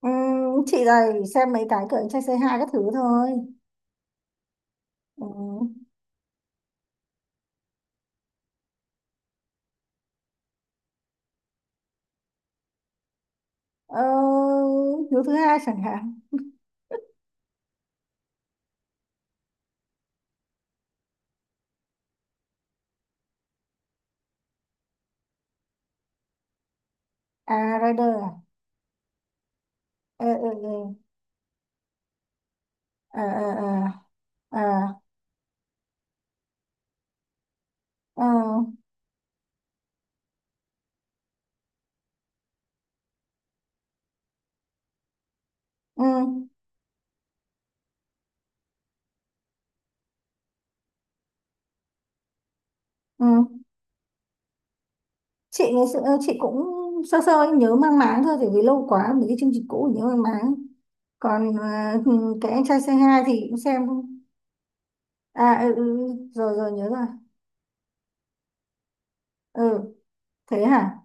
Ừ, chị này xem mấy cái kiểu trai c hai các thứ thôi. Ừ. ờ, Hiếu thứ hai chẳng hạn. À, Rider à? Ờ, ờ, ờ, ờ, ờ, ờ, ờ, ờ, ừ, ừ. Chị ngày xưa, chị cũng sơ sơ, nhớ mang máng thôi, tại vì lâu quá mấy cái chương trình cũ nhớ mang máng. Còn cái anh trai c hai thì cũng xem. À, ừ, ừ, ừ. Rồi rồi, nhớ rồi. Ừ, thế hả.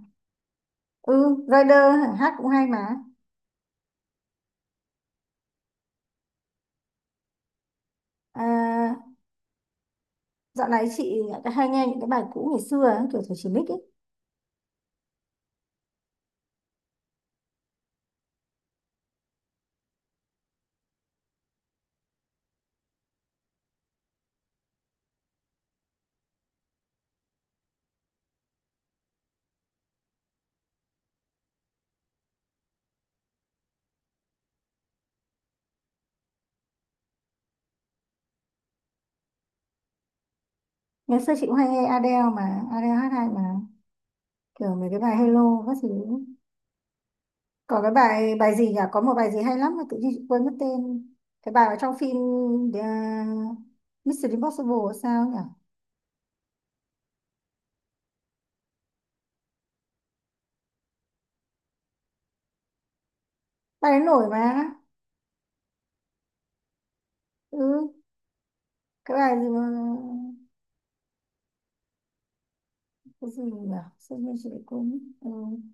Ừ, Rider hả, hát cũng hay mà. À, dạo này chị lại hay nghe những cái bài cũ ngày xưa ấy, kiểu Thủy Chỉ Bích ấy. Ngày xưa chị cũng hay nghe Adele mà, Adele hát hay mà. Kiểu mấy cái bài Hello các thứ. Có cái bài bài gì nhỉ? Có một bài gì hay lắm mà tự nhiên chị quên mất tên. Cái bài ở trong phim, uh, Mission Impossible hay sao nhỉ? Bài đấy nổi mà. Ừ, cái bài gì mà... Cái gì nhỉ? Sao nhiên chị lại quên. Ừ.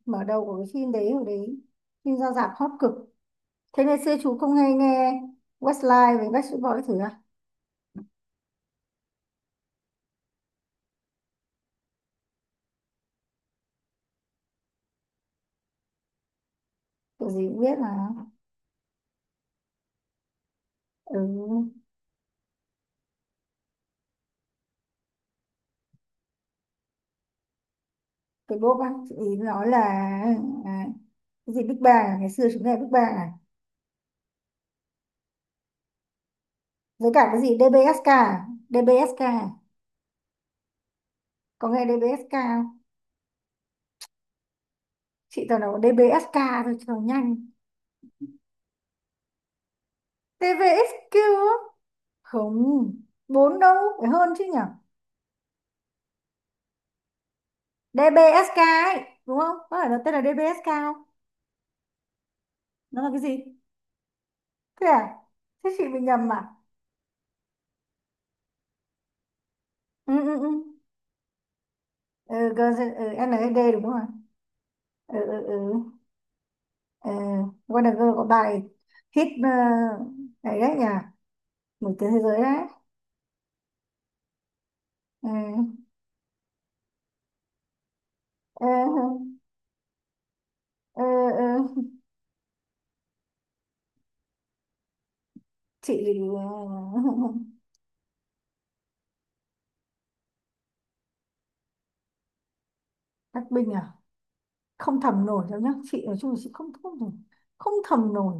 Mở đầu của cái phim đấy hồi đấy. Phim ra rạp hot cực. Thế ngày xưa chú không hay nghe Westlife với Backstreet Boys thử? Tụi gì cũng biết mà. Ừ. Cái bốp á chị ý nói là, à, cái gì Big Bang à? Ngày xưa chúng ta là Big Bang à? Với cả cái gì DBSK à? DBSK à? Có nghe DBSK không? Chị toàn nói DBSK thôi cho nhanh. TVXQ á? Không, bốn đâu, phải hơn chứ nhở? DBSK ấy, đúng không, có phải nó tên là DBSK không? Nó là cái gì? Thế à. Thế chị bị nhầm à? Ừ, ừ, ừ, ừ, ừ, NSD đúng không ạ? Ừ, ừ, ừ, ờ, Wonder Girl có bài hit, này đấy nhỉ, nổi tiếng thế giới đấy. Ờ, ờ, ờ, ờ, chị Cát Bình à. Không thầm nổi đâu nhá, chị nói chung là chị không không thầm. Không thầm nổi.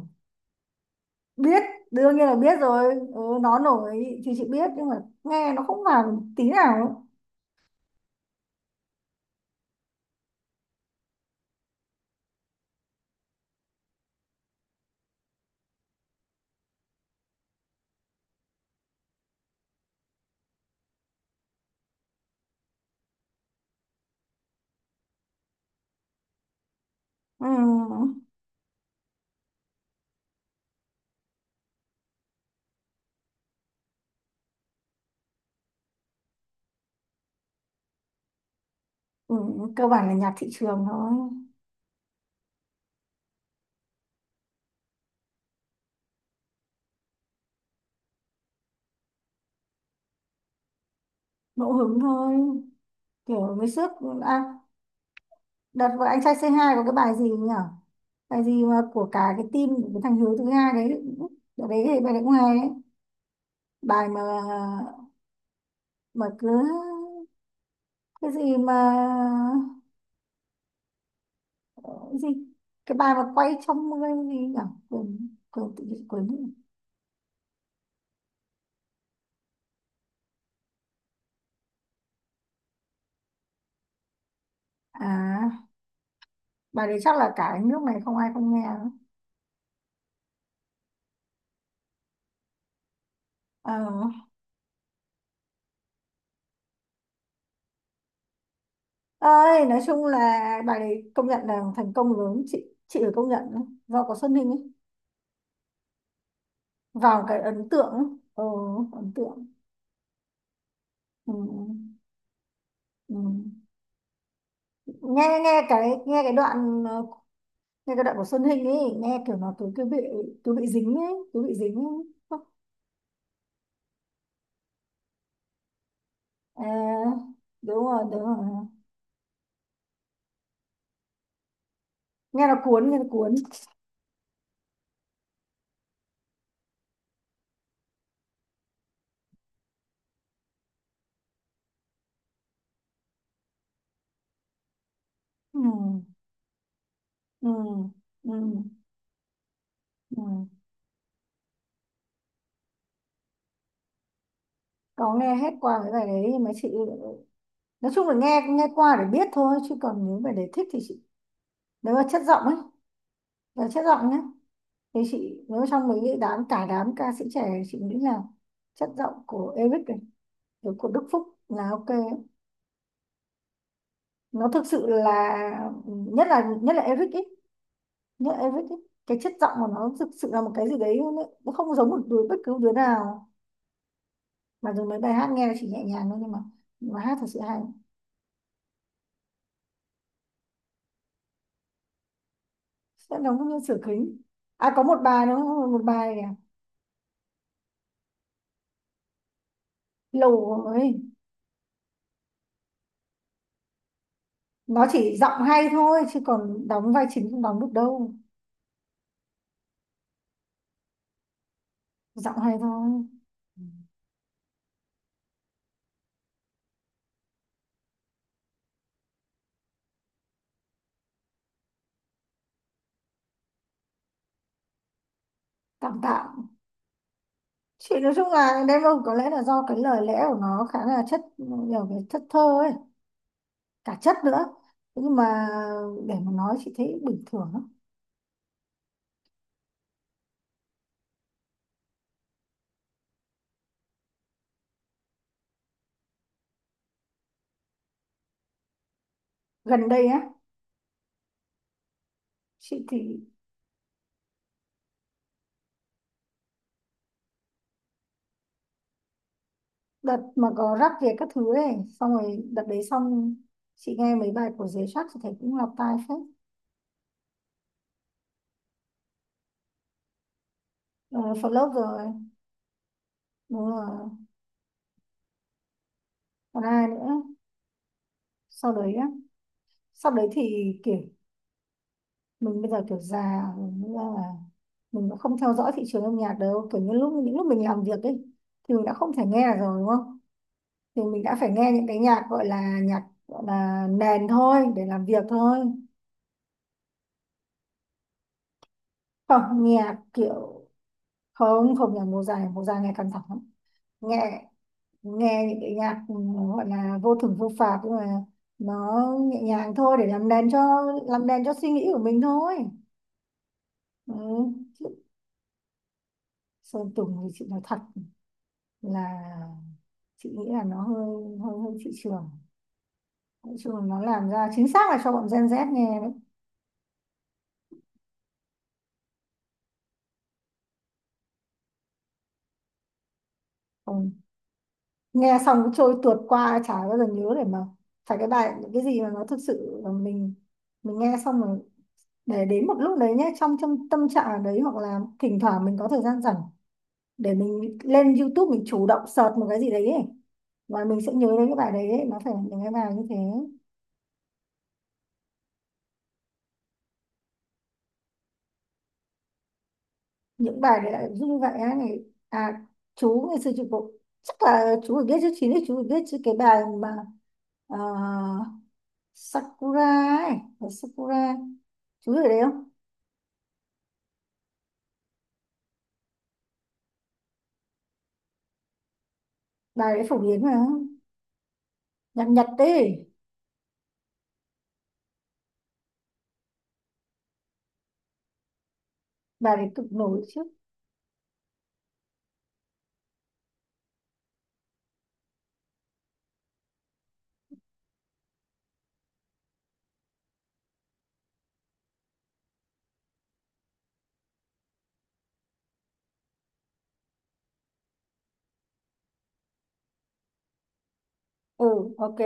Biết. Đương nhiên là biết rồi. Ừ, nó nổi thì chị biết nhưng mà nghe nó không vào tí nào ấy. Ừ, ừ, cơ bản là nhạc thị trường thôi. Ngẫu hứng thôi, kiểu với sức. À, đợt vừa anh trai c hai có cái bài gì nhỉ? Bài gì mà của cả cái team của cái thằng Hiếu thứ hai đấy. Đợt đấy thì bài đấy cũng hay đấy. Bài mà cứ cái gì mà, cái gì, cái bài mà quay trong mưa hay gì nhỉ? Quên quên tự nhiên quên nữa. À, bài đấy chắc là cả cái nước này không ai không nghe nữa. Ờ ơi, nói chung là bài đấy công nhận là thành công lớn, chị phải công nhận đấy. Do có Xuân Ninh ấy vào cái ấn tượng ấy. Ờ, ấn tượng. Ừ. Ừ. nghe nghe cái đoạn ờ, Nghe cái đoạn của Xuân Hinh ấy, nghe kiểu nó cứ cứ bị, cứ bị dính ấy, cứ bị dính ấy. Không. À, đúng rồi đúng rồi. Nghe nó cuốn, nghe nó cuốn. Ừ, ừ, ừ, ừ. Có nghe hết qua cái bài đấy nhưng mà chị, nói chung là nghe nghe qua để biết thôi, chứ còn nếu mà để thích thì chị, nếu mà chất giọng ấy, là chất giọng nhé, thì chị, nếu trong mấy cái đám cả đám ca sĩ trẻ, chị nghĩ là chất giọng của Eric này, rồi của Đức Phúc là ok. Nó thực sự là nhất, là nhất là Eric ấy. Nhớ Eric ấy, cái chất giọng của nó thực sự là một cái gì đấy luôn ấy. Nó không giống một đứa, bất cứ đứa nào, mà dù mấy bài hát nghe chỉ nhẹ nhàng thôi, nhưng mà hát thật sự hay. Sẽ đóng như sửa kính. À, có một bài nó, một bài này, lầu ấy. Nó chỉ giọng hay thôi chứ còn đóng vai chính không đóng được đâu. Giọng hay thôi. Tạm tạm. Chị nói chung là đêm, có lẽ là do cái lời lẽ của nó khá là chất, nhiều cái chất thơ ấy, cả chất nữa. Thế nhưng mà để mà nói chị thấy bình thường lắm. Gần đây á. Chị thì, đợt mà có rắc về các thứ ấy, xong rồi đợt đấy xong chị nghe mấy bài của Giới Sắc thì thấy cũng lọt tai phết. Ờ, phần lớp rồi. Đúng rồi. Còn ai nữa, sau đấy á, sau đấy thì kiểu mình bây giờ kiểu già rồi, nên là mình cũng không theo dõi thị trường âm nhạc đâu, kiểu như lúc, những lúc mình làm việc ấy thì mình đã không thể nghe rồi đúng không, thì mình đã phải nghe những cái nhạc gọi là, nhạc gọi là nền thôi, để làm việc thôi. Không, nhạc kiểu không không nhạc mùa dài, mùa dài ngày càng thẳng. Nghe nghe những cái nhạc, ừ, gọi là vô thưởng vô phạt nhưng mà nó nhẹ nhàng thôi, để làm đèn cho, làm đèn cho suy nghĩ của mình thôi. Ừ. Chứ Sơn Tùng thì chị nói thật là chị nghĩ là nó hơi hơi hơi thị trường. Nói chung là nó làm ra chính xác là cho bọn Gen Z nghe đấy. Còn nghe xong cứ trôi tuột qua chả bao giờ nhớ, để mà phải cái bài cái gì mà nó thực sự là mình nghe xong rồi, để đến một lúc đấy nhé, trong trong tâm trạng ở đấy, hoặc là thỉnh thoảng mình có thời gian rảnh, để mình lên YouTube mình chủ động search một cái gì đấy ấy. Và mình sẽ nhớ đến cái bài đấy ấy. Nó phải là những cái bài như thế. Những bài đấy là giúp như vậy á? Này à, chú ngày xưa chú cũng, chắc là chú phải biết chứ, chín thì chú phải biết chứ, cái bài mà ờ, Sakura ấy, bài Sakura chú biết đấy không? Bài đấy phổ biến mà. Nhạc Nhật đấy. Bài đấy cực nổi chứ. Ừ, ok.